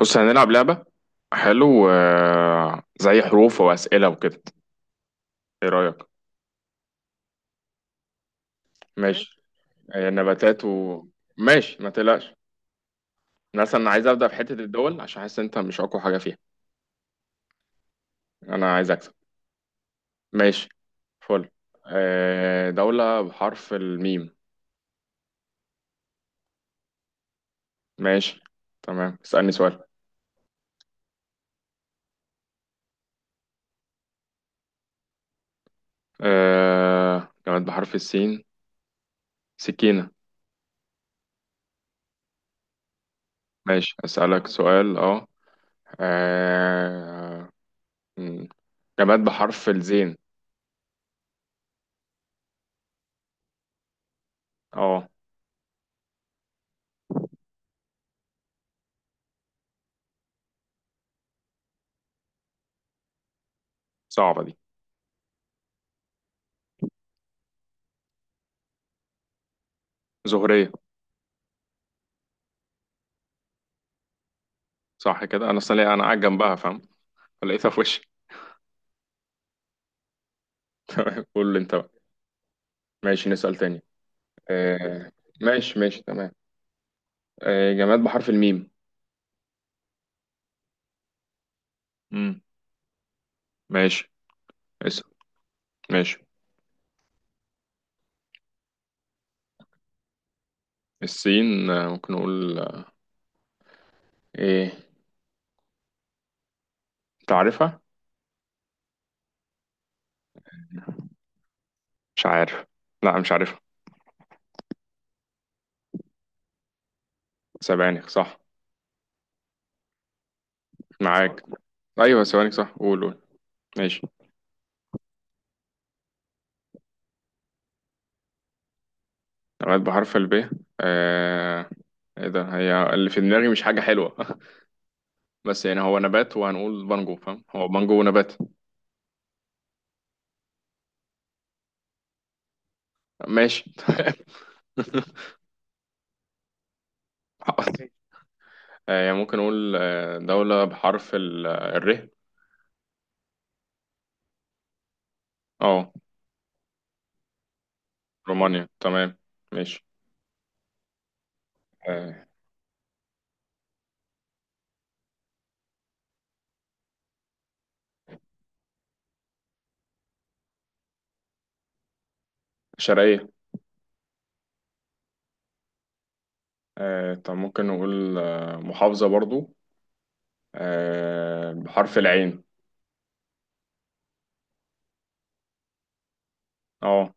بص هنلعب لعبة. حلو زي حروف وأسئلة وكده. ايه رأيك؟ ماشي. نباتات و ماشي ما تقلقش. مثلا انا عايز أبدأ في حتة الدول عشان حاسس انت مش أقوى حاجة فيها. انا عايز أكسب. ماشي. فل. دولة بحرف الميم. ماشي، تمام، اسألني سؤال. جماد بحرف السين، سكينة. ماشي أسألك سؤال. اه، آه، م، جماد بحرف الزين. اه، صعبة دي. زهرية. صح كده، انا اصلا انا قاعد جنبها فاهم، فلقيتها في وشي. قول لي انت بقى. ماشي نسأل تاني. آه. ماشي تمام. آه، جماد بحرف الميم. مم. ماشي. اسأل. ماشي. السين، ممكن نقول، ايه؟ انت عارفها؟ مش عارف. لا مش عارفها. سبانخ، صح. معاك. ايوه سبانخ صح، قول. ماشي. جماد بحرف الب. آه، ايه ده، هي اللي في دماغي مش حاجة حلوة. بس يعني هو نبات وهنقول بانجو، فاهم؟ هو بانجو نبات. ماشي. يعني ممكن أقول، دولة بحرف الر. اه. رومانيا، تمام. ماشي. آه، شرقية. طب ممكن نقول، محافظة برضو، بحرف العين. اه.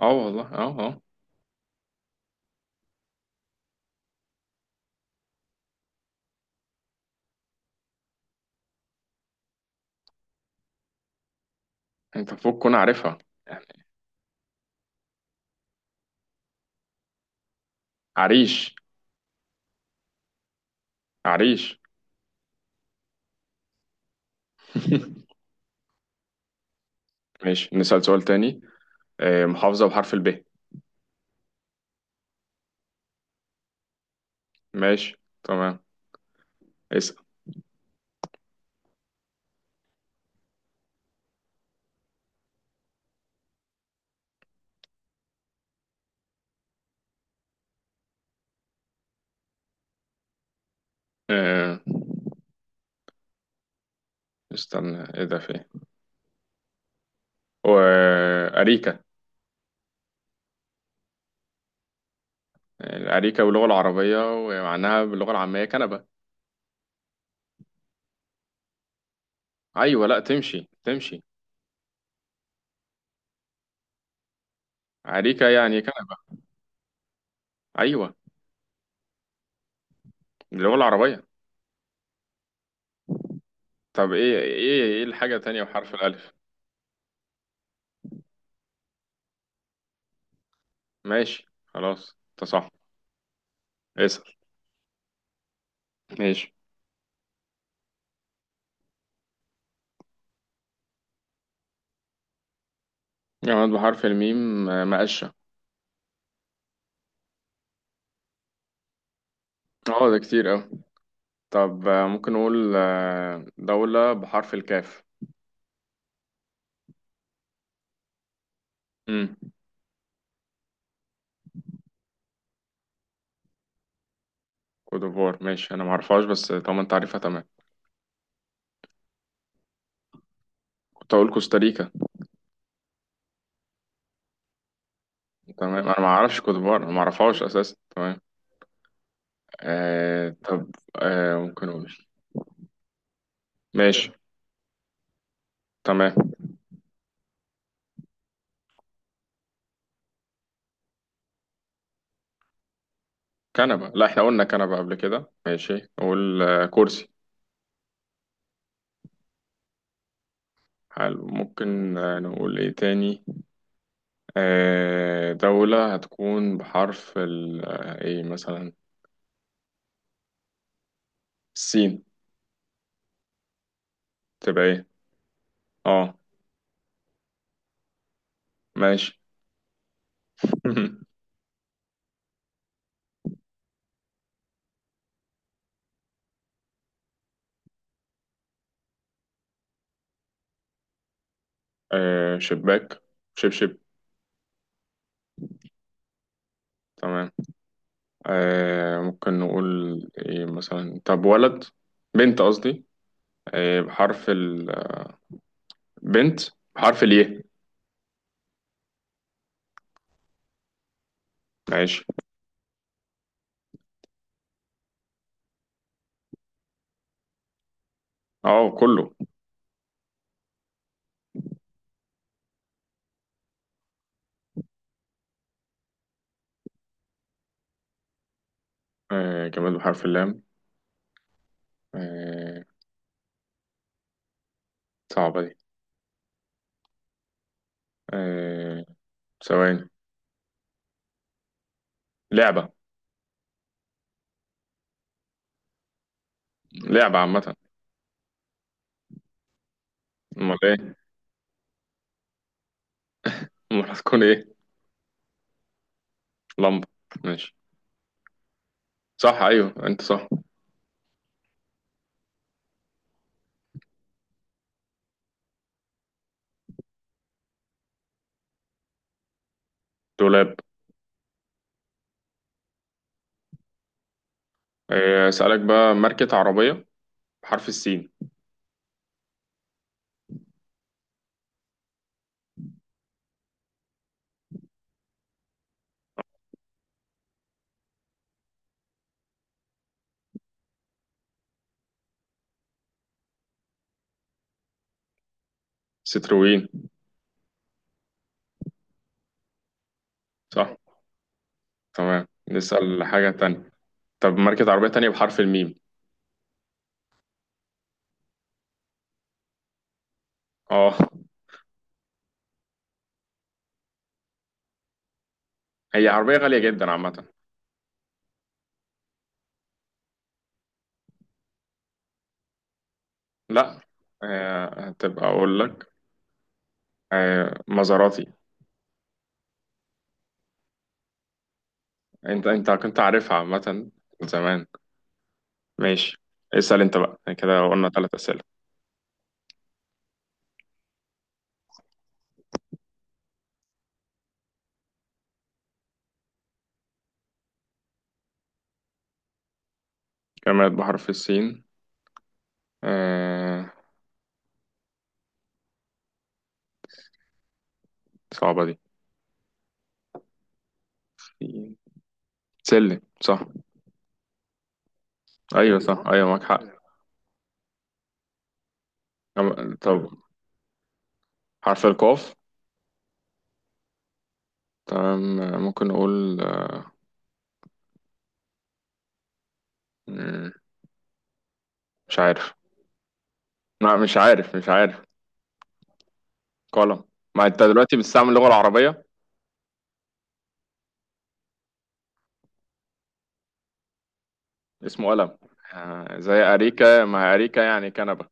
اه والله، اه اه. انت فوق كون عارفها يعني. عريش. عريش. ماشي نسأل سؤال تاني. محافظة بحرف الب. ماشي، تمام. اسأل. آه، استنى، ايه ده، فين؟ أريكا. أريكة باللغة العربية، ومعناها باللغة العامية كنبة. أيوة، لا، تمشي. أريكة يعني كنبة. أيوة. باللغة العربية. طب إيه، إيه الحاجة التانية بحرف الألف؟ ماشي، خلاص أنت صح. اسأل. ماشي. جماد بحرف الميم، مقشة. أه ده كتير أوي. طب، ممكن نقول، دولة بحرف الكاف. امم كوتوفوار، ماشي، أنا معرفهاش بس طالما أنت عارفها تمام. كنت أقول كوستاريكا. تمام، أنا معرفش كوتوفوار، أنا معرفهاش أساسا. تمام. آه طب آه ممكن اقول. ماشي، تمام. كنبة، لا احنا قلنا كنبة قبل كده، ماشي. نقول آه كرسي. حلو. ممكن آه نقول ايه تاني؟ آه، دولة هتكون بحرف ال، آه ايه مثلا، السين. تبقى ايه؟ اه. ماشي. آه، شباك، شبشب. تمام. آه ممكن نقول ايه مثلا، طب ولد، بنت قصدي، آه، بحرف البنت، بحرف الياء. ماشي. اه كله. آه، جماد بحرف اللام. آه، صعبة دي. آه، ثواني. لعبة. لعبة عامة. أمال إيه؟ أمال هتكون إيه؟ لمبة. ماشي، صح، أيوه أنت صح. دولاب. آه، أسألك بقى، ماركة عربية بحرف السين. ستروين. صح. تمام، نسأل حاجة تانية. طب، ماركة عربية تانية بحرف الميم. اه. هي عربية غالية جدا عامة. لا. آه هتبقى، أقول لك. آه، مزاراتي. أنت، كنت عارفها عامة، زمان. ماشي. اسأل انت بقى، يعني كده قلنا ثلاث أسئلة. جماد بحرف السين. آه... صعبة دي. سين. سلم. صح، أيوة صح أيوة معاك حق. طب، حرف القاف. تمام، ممكن نقول، مم، مش عارف. لا مش عارف، مش عارف. قلم. ما انت دلوقتي بتستعمل اللغة العربية. اسمه قلم. آه... زي أريكة، ما أريكة يعني كنبة.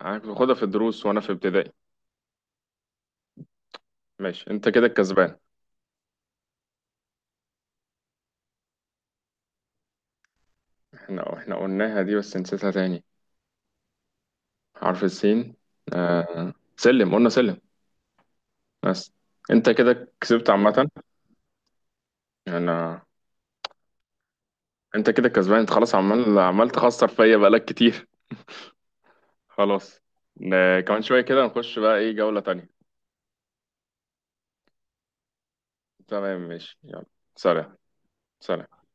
أنا كنت باخدها في الدروس وأنا في ابتدائي. ماشي، انت كده الكسبان. احنا قلناها دي بس نسيتها تاني. حرف السين. آه. سلم، قلنا سلم. بس. انت كده كسبت عامة. انا، انت كده كسبان، انت خلاص عمال تخسر فيا بقالك كتير. خلاص. كمان شوية كده نخش بقى ايه جولة تانية. تمام ماشي، يلا، سلام. سلام.